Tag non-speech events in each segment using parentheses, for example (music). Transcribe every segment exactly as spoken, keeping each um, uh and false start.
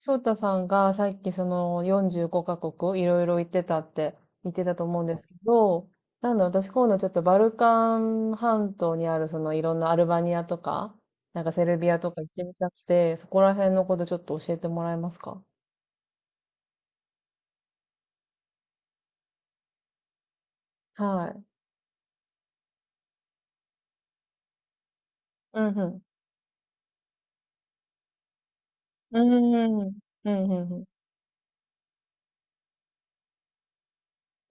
翔太さんがさっきそのよんじゅうごかこくカ国いろいろ行ってたって言ってたと思うんですけど、なんだ私今度ちょっとバルカン半島にあるそのいろんなアルバニアとか、なんかセルビアとか行ってみたくて、そこら辺のことちょっと教えてもらえますか？はい。うんうん。うんうんうん。うんうんうん。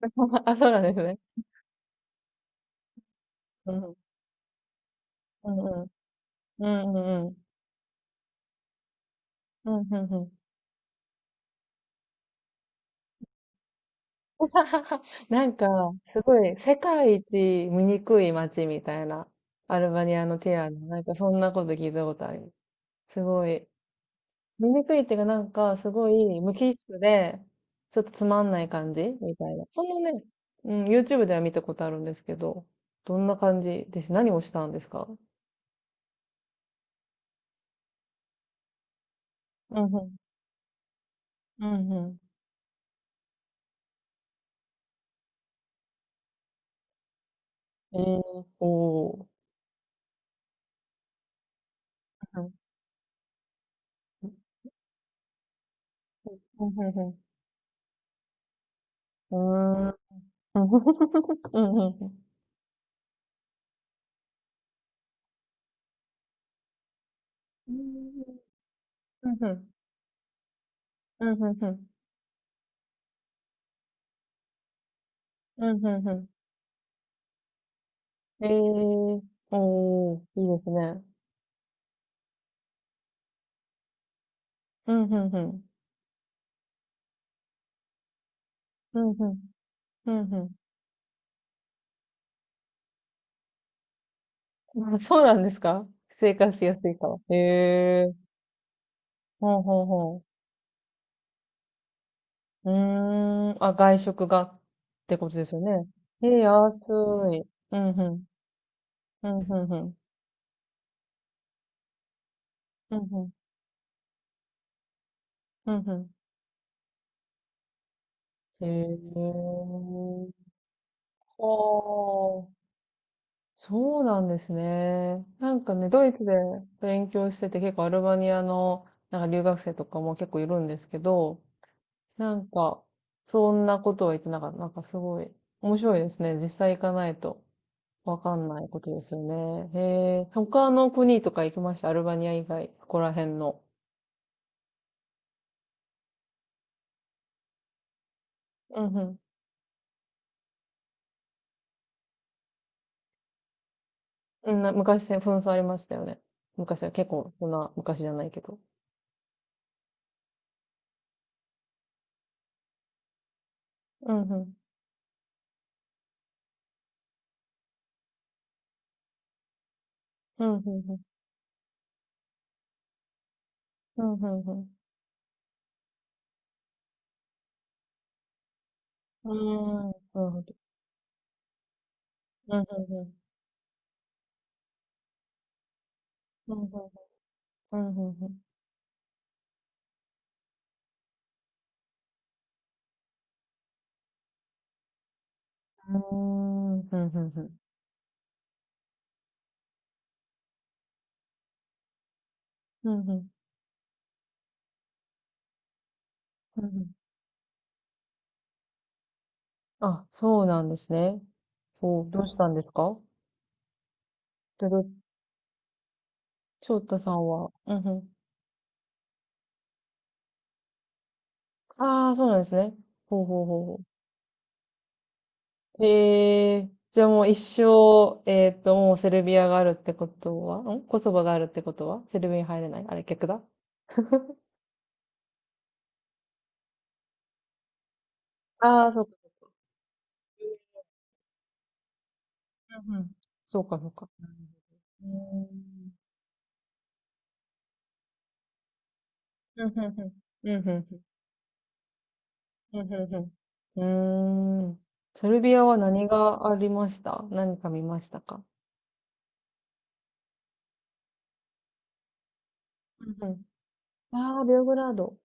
(laughs) あ、そうなんですね。うんうん。うんうん。うんうんうん。うんうんうん。(laughs) なんか、すごい、世界一醜い街みたいな、アルバニアのティラノ。なんか、そんなこと聞いたことある。すごい。醜いっていうか、なんか、すごい無機質で、ちょっとつまんない感じみたいな。そんなね、うん、YouTube では見たことあるんですけど、どんな感じです。何をしたんですか？うんうん。うんうん。えー、おー。うんうんうん。うーん。うんうんうん。うんうんうん。うんうんうん、うんうん。うん、うんうん。ええ、おー、いいですね。うん、うんうん。うん、うん。うん、うん。あ、そうなんですか？生活しやすいから。へえ。ほうほうほう。うーん。あ、外食がってことですよね。ええ、安い。うん、うん。うん、うんうん。うん、うん。うん、うん。へえ。ほー。そうなんですね。なんかね、ドイツで勉強してて結構アルバニアのなんか留学生とかも結構いるんですけど、なんかそんなことは言ってなかった。なんかすごい面白いですね。実際行かないとわかんないことですよね。へえ、他の国とか行きました。アルバニア以外、ここら辺の。うんうん。うんな、昔ね紛争ありましたよね。昔は結構そんな昔じゃないけど。うんうん。うんうんうん。うんうんうん。うんうんうん。なるほど。うんうんうん。うんうんうん。うんうんうん。うん。うんうんうん。うん、あ、そうなんですね。そう、どうしたんですか？で、どど、翔太さんは、うんうん。ああ、そうなんですね。ほうほうほうほう。へえ、じゃあもう一生、えっと、もうセルビアがあるってことは、んコソバがあるってことはセルビアに入れないあれ、逆だ。ああ、そうか。うんうん。そうか、そうか。なるほど。うーん。うん、うん、うん。うん、うん、うん。うんうんうん。うーん。セルビアは何がありました？何か見ましたか？うんうん。ああ、ベオグラード。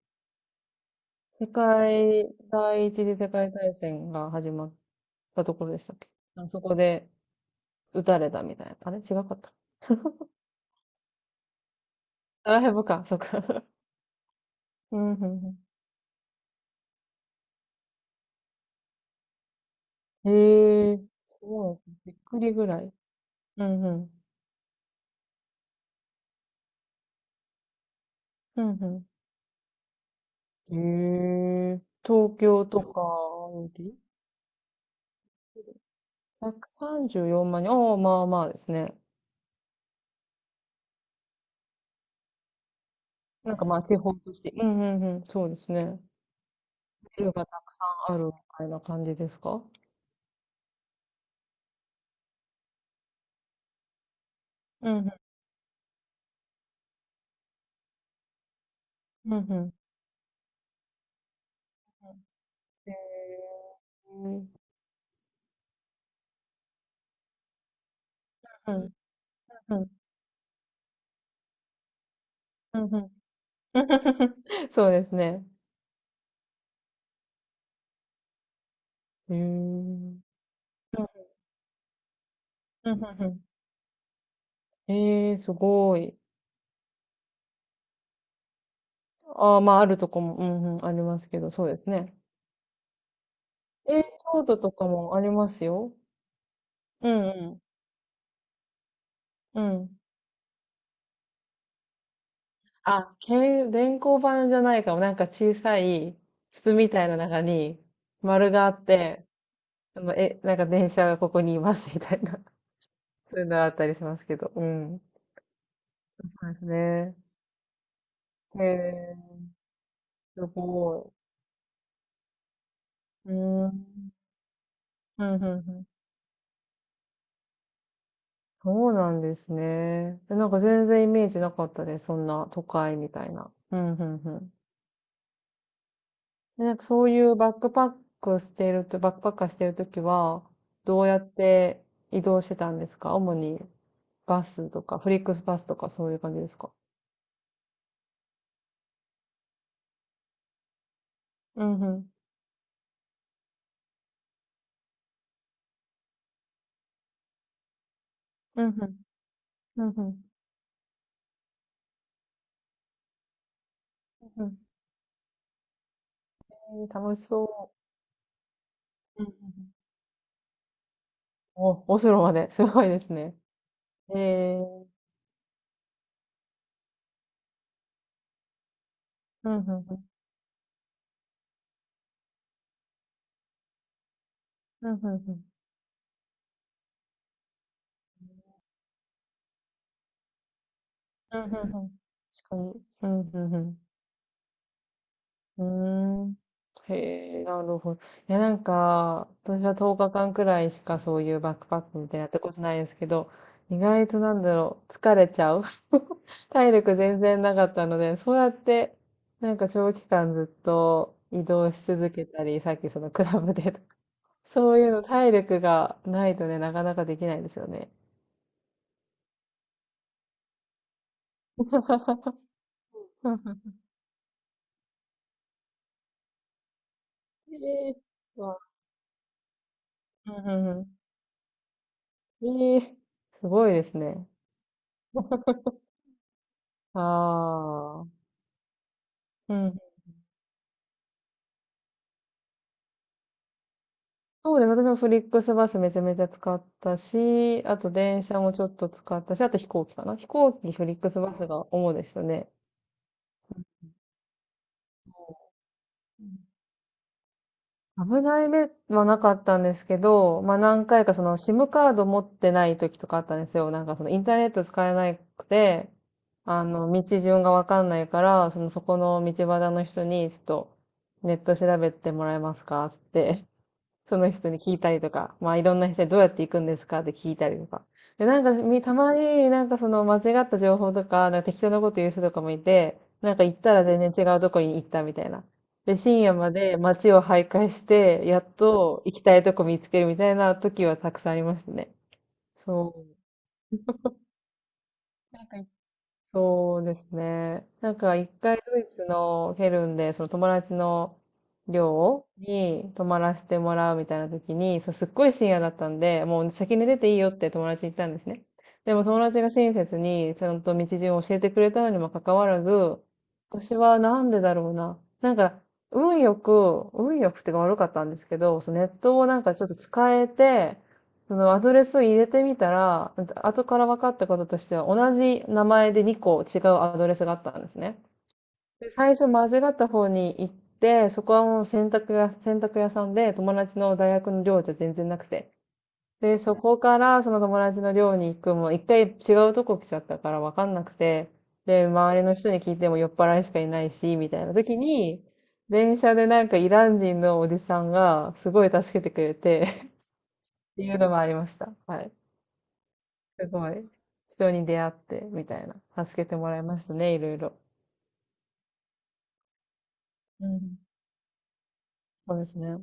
世界、第一次世界大戦が始まったところでしたっけ？あそこで撃たれたみたいな。あれ違かった。サラヘボか、そっか。(laughs) うんうんうん。へえ、そうなんですね。びっくりぐらい。うんうん。うんうん。へえ、東京とか、ひゃくさんじゅうよんまん人。おお、まあまあですね。なんかまあ、地方都市、うんうんうん、そうですね。ビルがたくさんあるみたいな感じですか？うんうん、うんうん。へーうんうんうんうんうん。 (laughs) そうですね。へーうんうんうんうん、ええー、すごい。ああ、まあ、あるとこも、うんうん、ありますけど、そうですね。えー、京都とかもありますよ。うんうん。うん。あ、け、電光板じゃないかも。なんか小さい筒みたいな中に丸があって、あの、え、なんか電車がここにいますみたいな。(laughs) そういうのがあったりしますけど。うん。そうですね。へえ、すごい。うーん。うん、うん、うん。そうなんですね。え、なんか全然イメージなかったです。そんな都会みたいな。うん、うん、うん。でなんかそういうバックパックしてると、バックパッカーしてるときは、どうやって移動してたんですか主に？バスとか、フリックスバスとかそういう感じですか？うんうん。うんうん。うんうん。うんうん、えー楽しそう。うんうんうん、お、オスロまで。(laughs) すごいですね。えー。うんうんうん。うんうんうん。うんうんうん。確かに。うんうんうん。うーん。へえ、なるほど。いや、なんか、私はとおかかんくらいしかそういうバックパックみたいなやったことないですけど、意外となんだろう、疲れちゃう。(laughs) 体力全然なかったので、そうやって、なんか長期間ずっと移動し続けたり、さっきそのクラブでとか、そういうの体力がないとね、なかなかできないですよね。(laughs) ええ、わ、うんうんうん。ええ、すごいですね。ああ。うん、そうです。私もフリックスバスめちゃめちゃ使ったし、あと電車もちょっと使ったし、あと飛行機かな。飛行機、フリックスバスが主でしたね。危ない目はなかったんですけど、まあ何回かその SIM カード持ってない時とかあったんですよ。なんかそのインターネット使えなくて、あの、道順がわかんないから、そのそこの道端の人に、ちょっとネット調べてもらえますかつってその人に聞いたりとか、まあいろんな人にどうやって行くんですかって聞いたりとか。で、なんかみ、たまになんかその間違った情報とか、なんか適当なこと言う人とかもいて、なんか行ったら全然違うとこに行ったみたいな。で、深夜まで街を徘徊して、やっと行きたいとこ見つけるみたいな時はたくさんありましたね。そう。そうですね。なんか一回ドイツのケルンで、その友達の寮に泊まらせてもらうみたいな時に、そう、すっごい深夜だったんで、もう先に出ていいよって友達に言ったんですね。でも友達が親切にちゃんと道順を教えてくれたのにもかかわらず、私はなんでだろうな。なんか、運よく、運よくっていうか悪かったんですけど、そのネットをなんかちょっと使えて、そのアドレスを入れてみたら、後から分かったこととしては、同じ名前でにこ違うアドレスがあったんですね。で最初間違った方に行って、そこはもう洗濯屋、洗濯屋さんで友達の大学の寮じゃ全然なくて。で、そこからその友達の寮に行くも、一回違うとこ来ちゃったから分かんなくて、で、周りの人に聞いても酔っ払いしかいないし、みたいな時に、電車でなんかイラン人のおじさんがすごい助けてくれて (laughs) っていうのもありました。はい。すごい。人に出会って、みたいな。助けてもらいましたね、いろいろ。うん。そうですね。